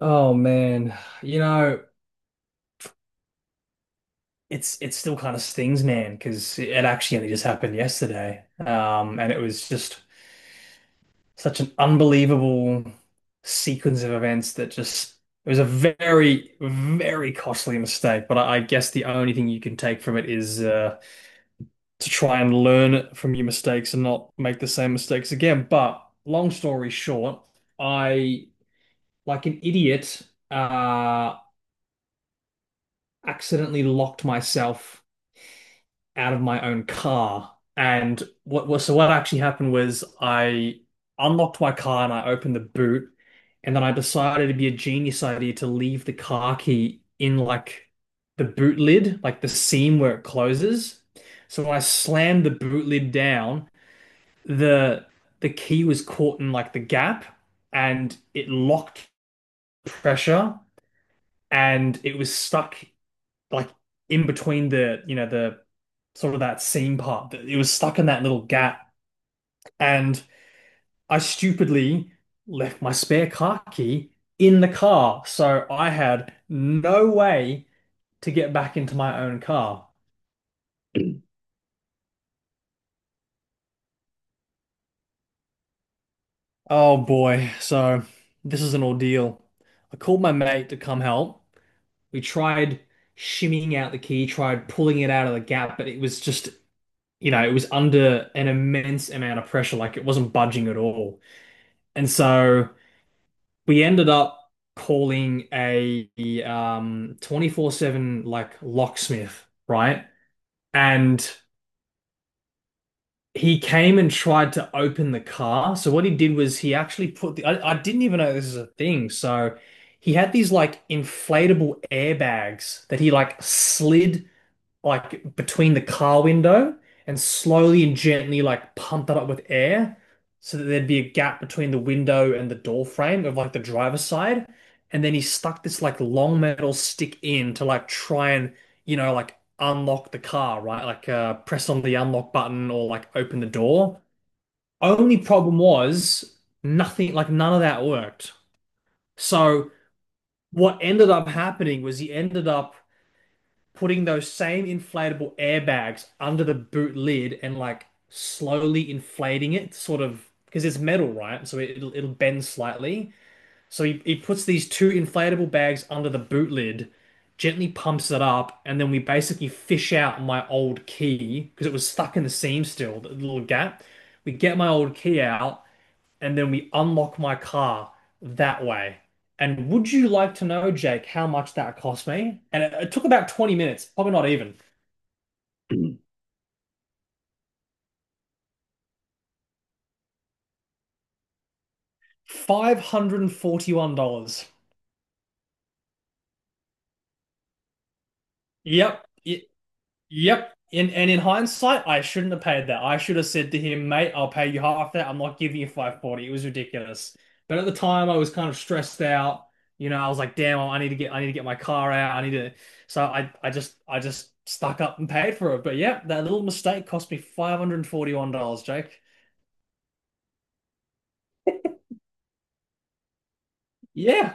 Oh man, you know, it still kind of stings, man, because it actually only just happened yesterday. And it was just such an unbelievable sequence of events that just it was a very, very costly mistake. But I guess the only thing you can take from it is to try and learn from your mistakes and not make the same mistakes again. But long story short, I, like an idiot, uh, accidentally locked myself out of my own car. And what was so what actually happened was I unlocked my car and I opened the boot, and then I decided it'd be a genius idea to leave the car key in like the boot lid, like the seam where it closes. So when I slammed the boot lid down, the the key was caught in like the gap, and it locked pressure, and it was stuck, like, in between the you know the sort of, that seam part. It was stuck in that little gap, and I stupidly left my spare car key in the car, so I had no way to get back into my own car. Oh boy, so this is an ordeal. I called my mate to come help. We tried shimmying out the key, tried pulling it out of the gap, but it was just, you know, it was under an immense amount of pressure. Like, it wasn't budging at all. And so we ended up calling a 24/7 like locksmith, right? And he came and tried to open the car. So what he did was, he actually I didn't even know this is a thing. So he had these like inflatable airbags that he like slid like between the car window, and slowly and gently like pump that up with air so that there'd be a gap between the window and the door frame of like the driver's side. And then he stuck this like long metal stick in to like try and, you know, like unlock the car, right? Like press on the unlock button or like open the door. Only problem was, nothing, like none of that worked. So what ended up happening was he ended up putting those same inflatable airbags under the boot lid and like slowly inflating it, sort of, because it's metal, right? So it, will it'll bend slightly. So he puts these two inflatable bags under the boot lid, gently pumps it up, and then we basically fish out my old key because it was stuck in the seam still, the little gap. We get my old key out and then we unlock my car that way. And would you like to know, Jake, how much that cost me? And it took about 20 minutes, probably not even. $541. Yep. Yep. And in hindsight, I shouldn't have paid that. I should have said to him, mate, I'll pay you half that. I'm not giving you 540. It was ridiculous. But at the time, I was kind of stressed out. You know, I was like, damn, I need to get my car out. I need to so I just stuck up and paid for it. But yeah, that little mistake cost me $541, Jake. Yeah.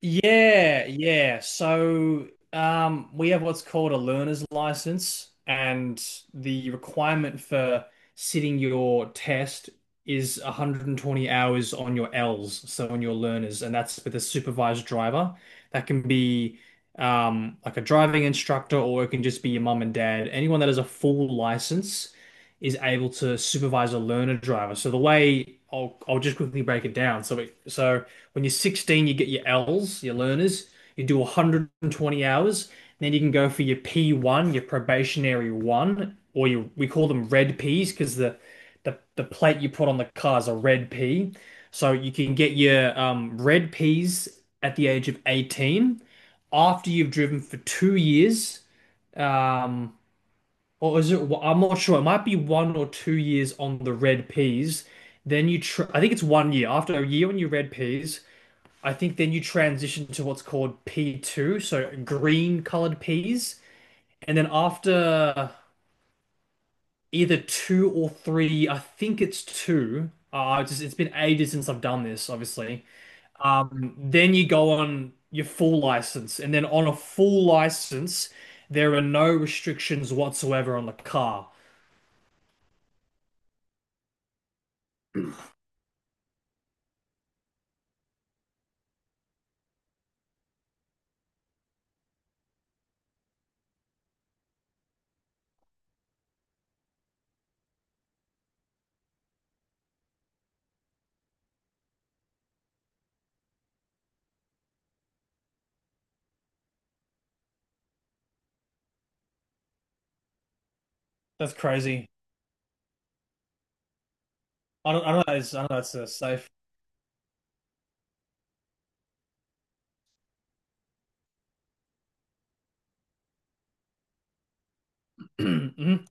Yeah, yeah. So we have what's called a learner's license, and the requirement for sitting your test is 120 hours on your L's, so on your learners, and that's with a supervised driver. That can be like a driving instructor, or it can just be your mum and dad. Anyone that has a full license is able to supervise a learner driver. So the way I'll just quickly break it down. So when you're 16, you get your Ls, your learners. You do 120 hours, then you can go for your P1, your probationary one, or you we call them red Ps, because the plate you put on the car is a red P. So you can get your red Ps at the age of 18 after you've driven for 2 years. Um, or is it? I'm not sure. It might be 1 or 2 years on the red peas. Then you, tr I think it's 1 year. After a year on your red peas, I think then you transition to what's called P2, so green colored peas. And then after either two or three, I think it's two. It's just, it's been ages since I've done this, obviously. Then you go on your full license, and then on a full license, there are no restrictions whatsoever on the car. That's crazy. I don't know. I don't know. It's safe. Hmm.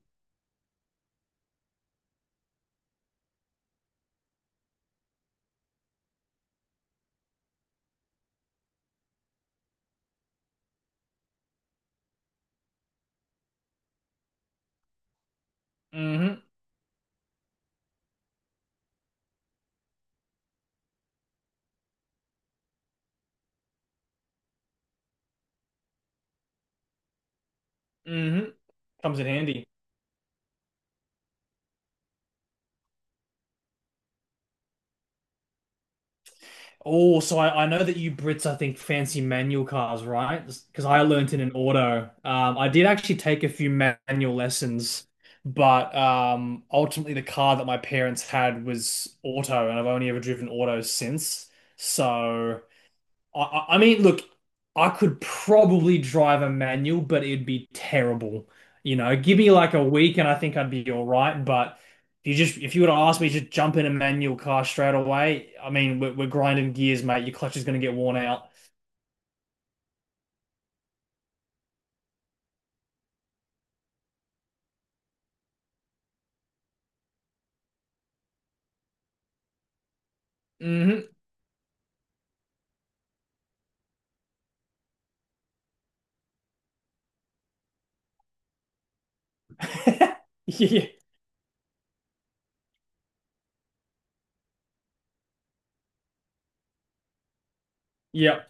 Hmm. Hmm. Comes in handy. Oh, so I know that you Brits, I think, fancy manual cars, right? Because I learnt in an auto. I did actually take a few manual lessons, but ultimately the car that my parents had was auto, and I've only ever driven auto since. So. I mean, look, I could probably drive a manual, but it'd be terrible. You know, give me like a week and I think I'd be all right. But if if you were to ask me to just jump in a manual car straight away, I mean, we're grinding gears, mate. Your clutch is going to get worn out. Hmm. Yeah. Yeah.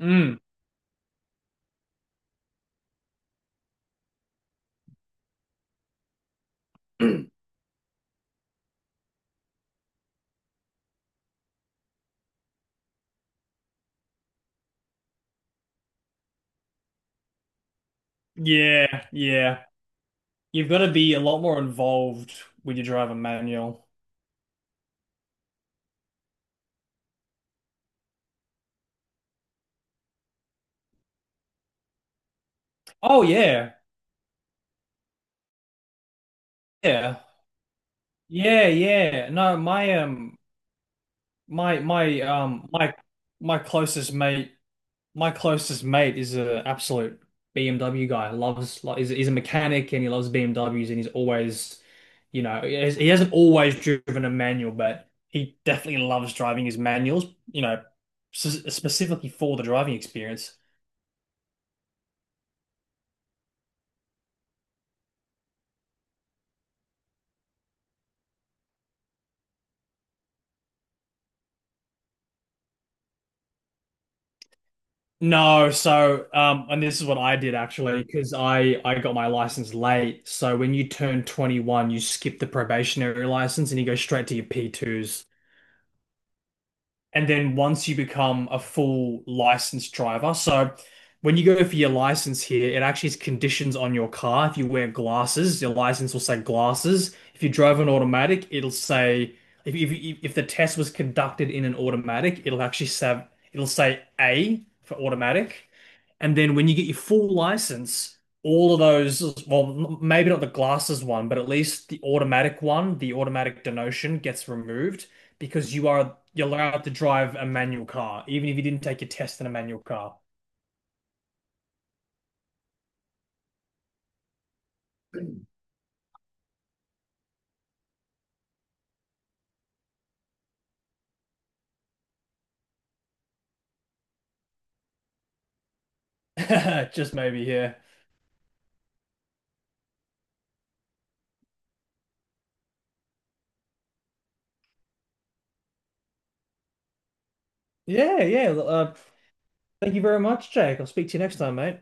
Mm. Yeah. Yeah. You've got to be a lot more involved when you drive a manual. Oh yeah, yeah, yeah, yeah. No, my My my um my closest mate is a absolute BMW guy. Loves, like, he's a mechanic, and he loves BMWs, and he's always, he hasn't always driven a manual, but he definitely loves driving his manuals, you know specifically for the driving experience. No, so and this is what I did, actually, because I got my license late. So when you turn 21, you skip the probationary license and you go straight to your P2s. And then once you become a full licensed driver, so when you go for your license here, it actually is conditions on your car. If you wear glasses, your license will say glasses. If you drove an automatic, it'll say, if the test was conducted in an automatic, it'll actually say, it'll say A for automatic. And then when you get your full license, all of those, well, maybe not the glasses one, but at least the automatic one, the automatic denotion gets removed, because you're allowed to drive a manual car, even if you didn't take your test in a manual car. Just maybe, yeah. Yeah, yeah. Thank you very much, Jake. I'll speak to you next time, mate.